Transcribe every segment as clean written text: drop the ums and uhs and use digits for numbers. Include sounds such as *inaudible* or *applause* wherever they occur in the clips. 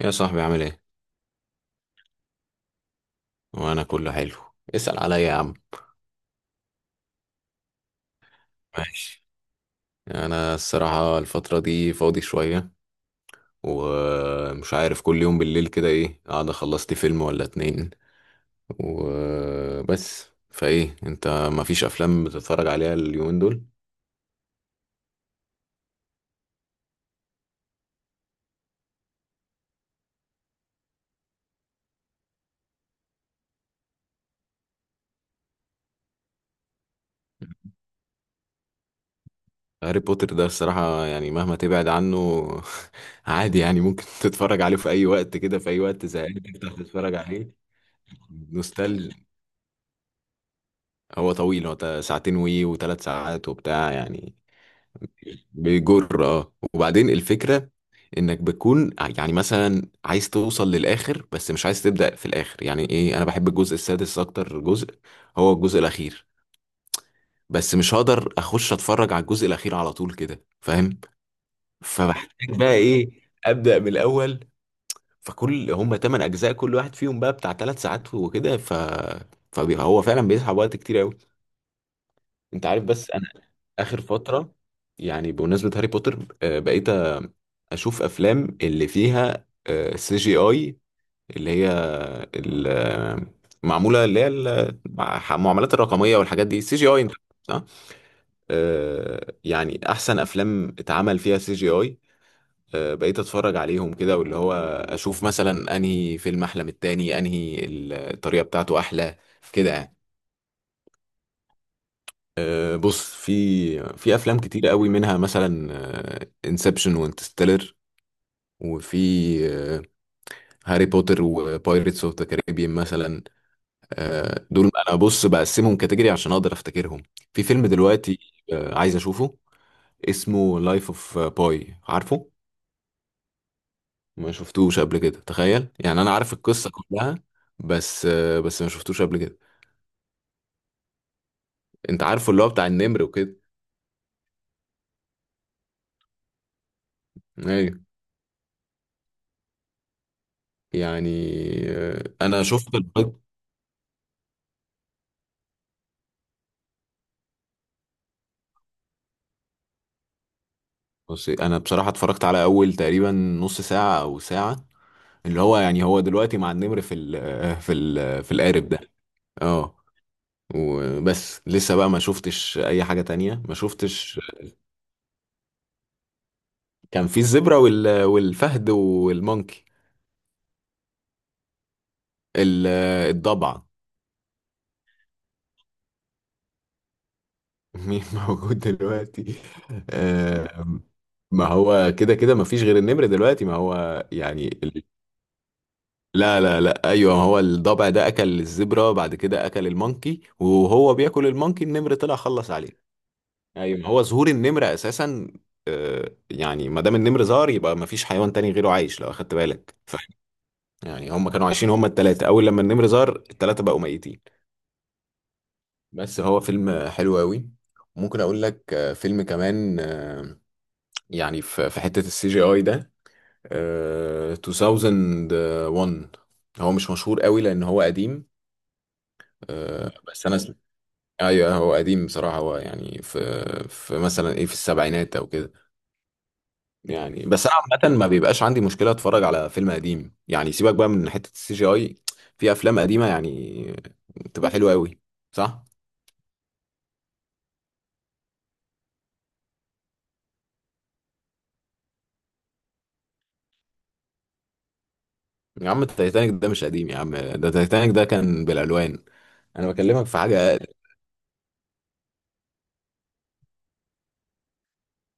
يا صاحبي عامل ايه؟ وانا كله حلو، اسأل عليا يا عم. ماشي. انا الصراحة الفترة دي فاضي شوية، ومش عارف كل يوم بالليل كده ايه، قاعد خلصت فيلم ولا اتنين وبس. فايه انت، مفيش افلام بتتفرج عليها اليومين دول؟ هاري بوتر ده الصراحة يعني مهما تبعد عنه *laughs* عادي يعني ممكن *laughs* تتفرج عليه في اي وقت، كده في اي وقت زهقان تفتح تتفرج عليه. نوستالج. هو طويل، هو ساعتين وي وثلاث ساعات وبتاع يعني. بيجر، اه. وبعدين الفكرة انك بتكون يعني مثلا عايز توصل للاخر بس مش عايز تبدأ في الاخر، يعني ايه، انا بحب الجزء السادس اكتر جزء، هو الجزء الاخير، بس مش هقدر اخش اتفرج على الجزء الاخير على طول كده، فاهم. فبحتاج بقى ايه، ابدأ من الاول. فكل هم 8 أجزاء، كل واحد فيهم بقى بتاع 3 ساعات وكده، فهو فعلا بيسحب وقت كتير قوي، انت عارف. بس اخر فتره، يعني بمناسبه هاري بوتر، بقيت اشوف افلام اللي فيها سي جي اي، اللي هي ال- آه، معموله، اللي هي المعاملات الرقميه والحاجات دي، سي جي اي، صح. يعني احسن افلام اتعمل فيها سي جي اي بقيت اتفرج عليهم كده، واللي هو اشوف مثلا انهي فيلم احلى من التاني، انهي الطريقه بتاعته احلى كده يعني. بص، في افلام كتير قوي، منها مثلا انسبشن وانترستيلر، وفي هاري بوتر وبايرتس اوف ذا كاريبيان مثلا. دول انا بص بقسمهم كاتيجوري عشان اقدر افتكرهم. في فيلم دلوقتي عايز اشوفه، اسمه لايف اوف باي، عارفه. ما شفتوش قبل كده، تخيل، يعني انا عارف القصة كلها بس، بس ما شفتوش قبل كده. انت عارفه اللي هو بتاع النمر وكده. ايوه. يعني انا شفت، بص انا بصراحه اتفرجت على اول تقريبا نص ساعه او ساعه، اللي هو يعني هو دلوقتي مع النمر في ال *laughs* في ال في القارب ده. اه. وبس لسه بقى، ما شفتش اي حاجه تانية، ما شفتش. كان في الزبره وال *laughs* والفهد والمونكي، ال- الضبع. مين *laughs* موجود دلوقتي. آه، ما هو كده كده ما فيش غير النمر دلوقتي، ما هو يعني. لا لا لا، ايوه، هو الضبع ده اكل الزبرة، بعد كده اكل المونكي، وهو بياكل المونكي النمر طلع خلص عليه. ايوه ما هو ظهور النمر اساسا، يعني ما دام النمر ظهر يبقى ما فيش حيوان تاني غيره عايش لو اخدت بالك. ف يعني هم كانوا عايشين هم التلاتة، اول لما النمر ظهر التلاتة بقوا ميتين. بس هو فيلم حلو قوي. ممكن اقول لك فيلم كمان، يعني في حتة السي جي اي ده، 2001، هو مش مشهور قوي لان هو قديم، بس انا ايوه هو قديم بصراحه، هو يعني في، في مثلا ايه، في السبعينات او كده يعني، بس انا عامه ما بيبقاش عندي مشكله اتفرج على فيلم قديم، يعني سيبك بقى من حته السي جي اي، في افلام قديمه يعني بتبقى حلوه قوي، صح. يا عم التايتانيك ده مش قديم يا عم، ده التايتانيك ده كان بالالوان، انا بكلمك في حاجه أقل.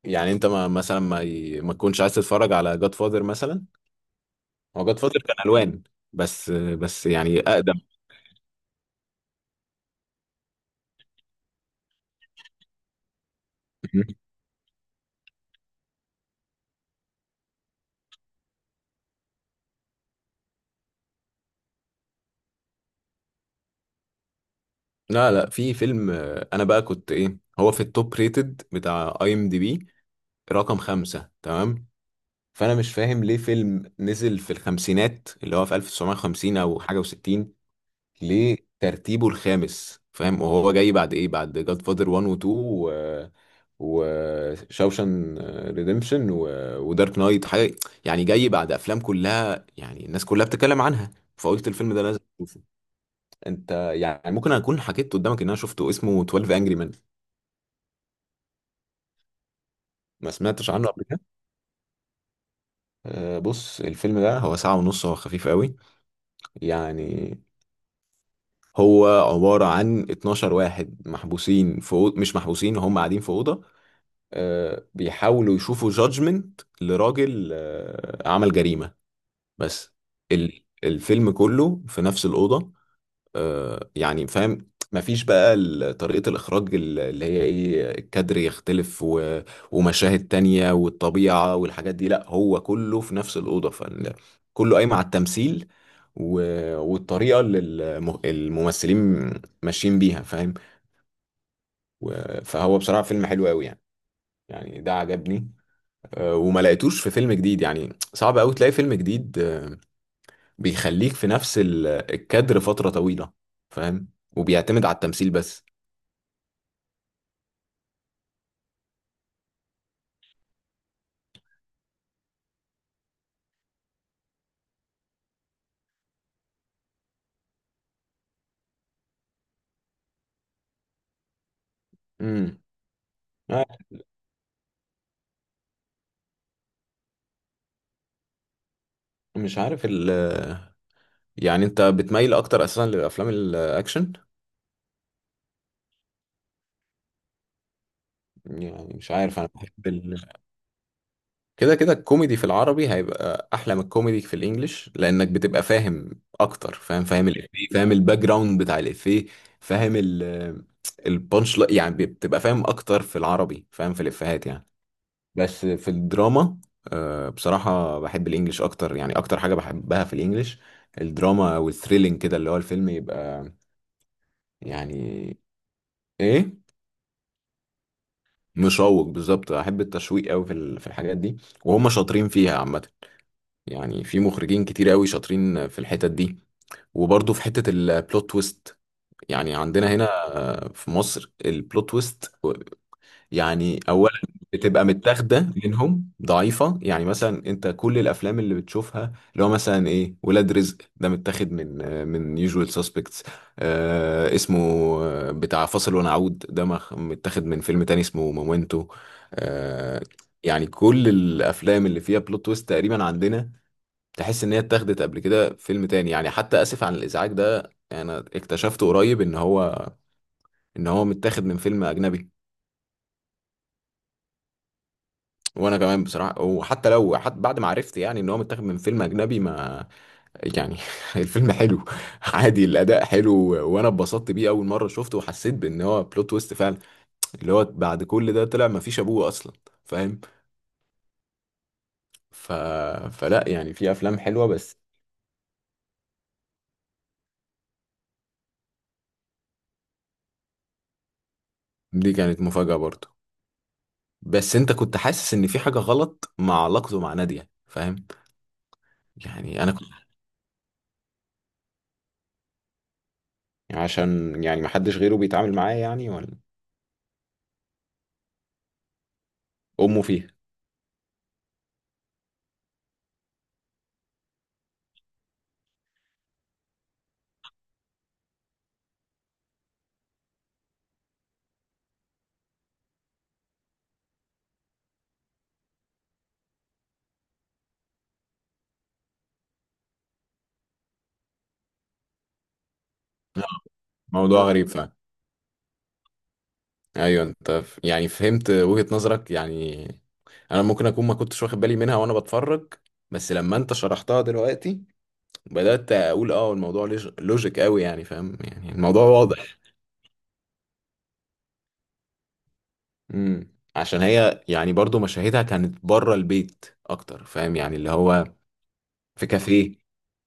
يعني انت ما مثلا ما ما تكونش عايز تتفرج على جاد فاذر مثلا. هو جاد فاذر كان الوان بس، بس يعني اقدم. لا لا، في فيلم، انا بقى كنت ايه، هو في التوب ريتد بتاع اي ام دي بي رقم خمسة، تمام. فانا مش فاهم ليه فيلم نزل في الخمسينات اللي هو في 1950 او حاجة و60، ليه ترتيبه الخامس، فاهم، وهو جاي بعد ايه، بعد جاد فاذر 1 و 2 و وشاوشان ريديمشن و... ودارك نايت حاجة، يعني جاي بعد افلام كلها يعني الناس كلها بتتكلم عنها، فقلت الفيلم ده لازم. انت يعني ممكن اكون حكيت قدامك ان انا شفته، اسمه 12 انجري مان. ما سمعتش عنه قبل كده. بص الفيلم ده هو ساعة ونص، هو خفيف قوي يعني، هو عبارة عن 12 واحد محبوسين في مش محبوسين، هم قاعدين في أوضة، بيحاولوا يشوفوا جادجمنت لراجل عمل جريمة بس. الفيلم كله في نفس الأوضة، يعني فاهم، مفيش بقى طريقة الإخراج اللي هي إيه، الكادر يختلف و... ومشاهد تانية والطبيعة والحاجات دي، لأ هو كله في نفس الأوضة، فكله قايم على التمثيل و... والطريقة اللي الممثلين ماشيين بيها، فاهم. و... فهو بصراحة فيلم حلو أوي يعني، يعني ده عجبني. وما لقيتوش في فيلم جديد، يعني صعب أوي تلاقي فيلم جديد بيخليك في نفس الكادر فترة طويلة، فاهم، وبيعتمد على التمثيل بس. امم. مش عارف ال، يعني انت بتميل اكتر اساسا للافلام الاكشن. يعني مش عارف، انا بحب ال... كده كده الكوميدي في العربي هيبقى احلى من الكوميدي في الانجليش، لانك بتبقى فاهم اكتر، فاهم، فاهم الافيه، فاهم الباك جراوند بتاع الافيه، فاهم ال، البانش لا- يعني بتبقى فاهم اكتر في العربي، فاهم في الافيهات يعني. بس في الدراما بصراحة بحب الانجليش اكتر، يعني اكتر حاجة بحبها في الانجليش الدراما والثريلينج، كده اللي هو الفيلم يبقى يعني ايه، مشوق بالظبط، احب التشويق قوي في في الحاجات دي، وهم شاطرين فيها عامه، يعني في مخرجين كتير قوي شاطرين في الحتت دي. وبرضه في حته البلوت تويست، يعني عندنا هنا في مصر البلوت تويست يعني اولا بتبقى متاخده منهم، ضعيفه يعني. مثلا انت كل الافلام اللي بتشوفها اللي هو مثلا ايه، ولاد رزق ده متاخد من، من يوجوال سسبكتس، آه اسمه، بتاع فاصل ونعود ده متاخد من فيلم تاني اسمه مومنتو. آه. يعني كل الافلام اللي فيها بلوت تويست تقريبا عندنا تحس ان هي اتاخدت قبل كده فيلم تاني، يعني حتى اسف عن الازعاج ده انا اكتشفته قريب ان هو متاخد من فيلم اجنبي. وانا كمان بصراحه، وحتى لو، حتى بعد ما عرفت يعني ان هو متاخد من فيلم اجنبي ما، يعني *laughs* الفيلم حلو عادي، الاداء حلو، وانا اتبسطت بيه اول مره شفته، وحسيت بان هو بلوت تويست فعلا اللي هو بعد كل ده طلع ما فيش ابوه اصلا، فاهم. ف... فلا يعني، في افلام حلوه بس. دي كانت مفاجاه برضه، بس انت كنت حاسس ان في حاجه غلط مع علاقته مع ناديه، فاهم. يعني انا كنت، عشان يعني ما حدش غيره بيتعامل معاه يعني، ولا امه فيها، موضوع غريب فعلا. ايوه انت يعني فهمت وجهة نظرك، يعني انا ممكن اكون ما كنتش واخد بالي منها وانا بتفرج، بس لما انت شرحتها دلوقتي بدأت اقول اه الموضوع لوجيك قوي، يعني فاهم، يعني الموضوع واضح. امم، عشان هي يعني برضو مشاهدها كانت بره البيت اكتر، فاهم يعني اللي هو في كافيه،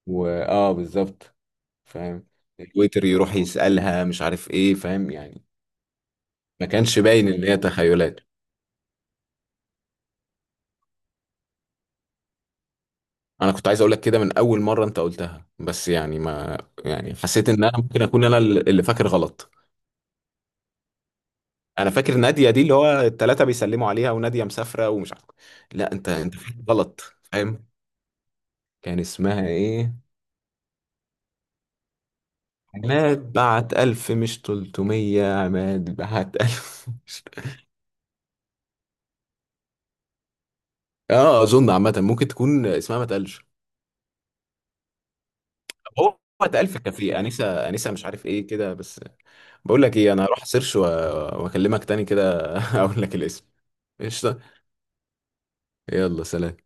واه بالظبط، فاهم، الويتر يروح يسألها مش عارف ايه، فاهم يعني، ما كانش باين ان هي تخيلات. انا كنت عايز اقول لك كده من اول مره انت قلتها، بس يعني ما، يعني حسيت ان انا ممكن اكون انا اللي فاكر غلط. انا فاكر ناديه دي اللي هو الثلاثه بيسلموا عليها وناديه مسافره ومش عارف. لا انت فاكر غلط، فاهم، كان اسمها ايه. عماد بعت ألف مش 300، عماد بعت ألف *laughs* مش-. اه اظن عامه ممكن تكون اسمها ما تقلش. هو بعت ألف كافيه، انسه انسه مش عارف ايه كده بس. بقول لك ايه، انا هروح سيرش واكلمك تاني كده *laughs* اقول لك الاسم. ايش. يلا سلام.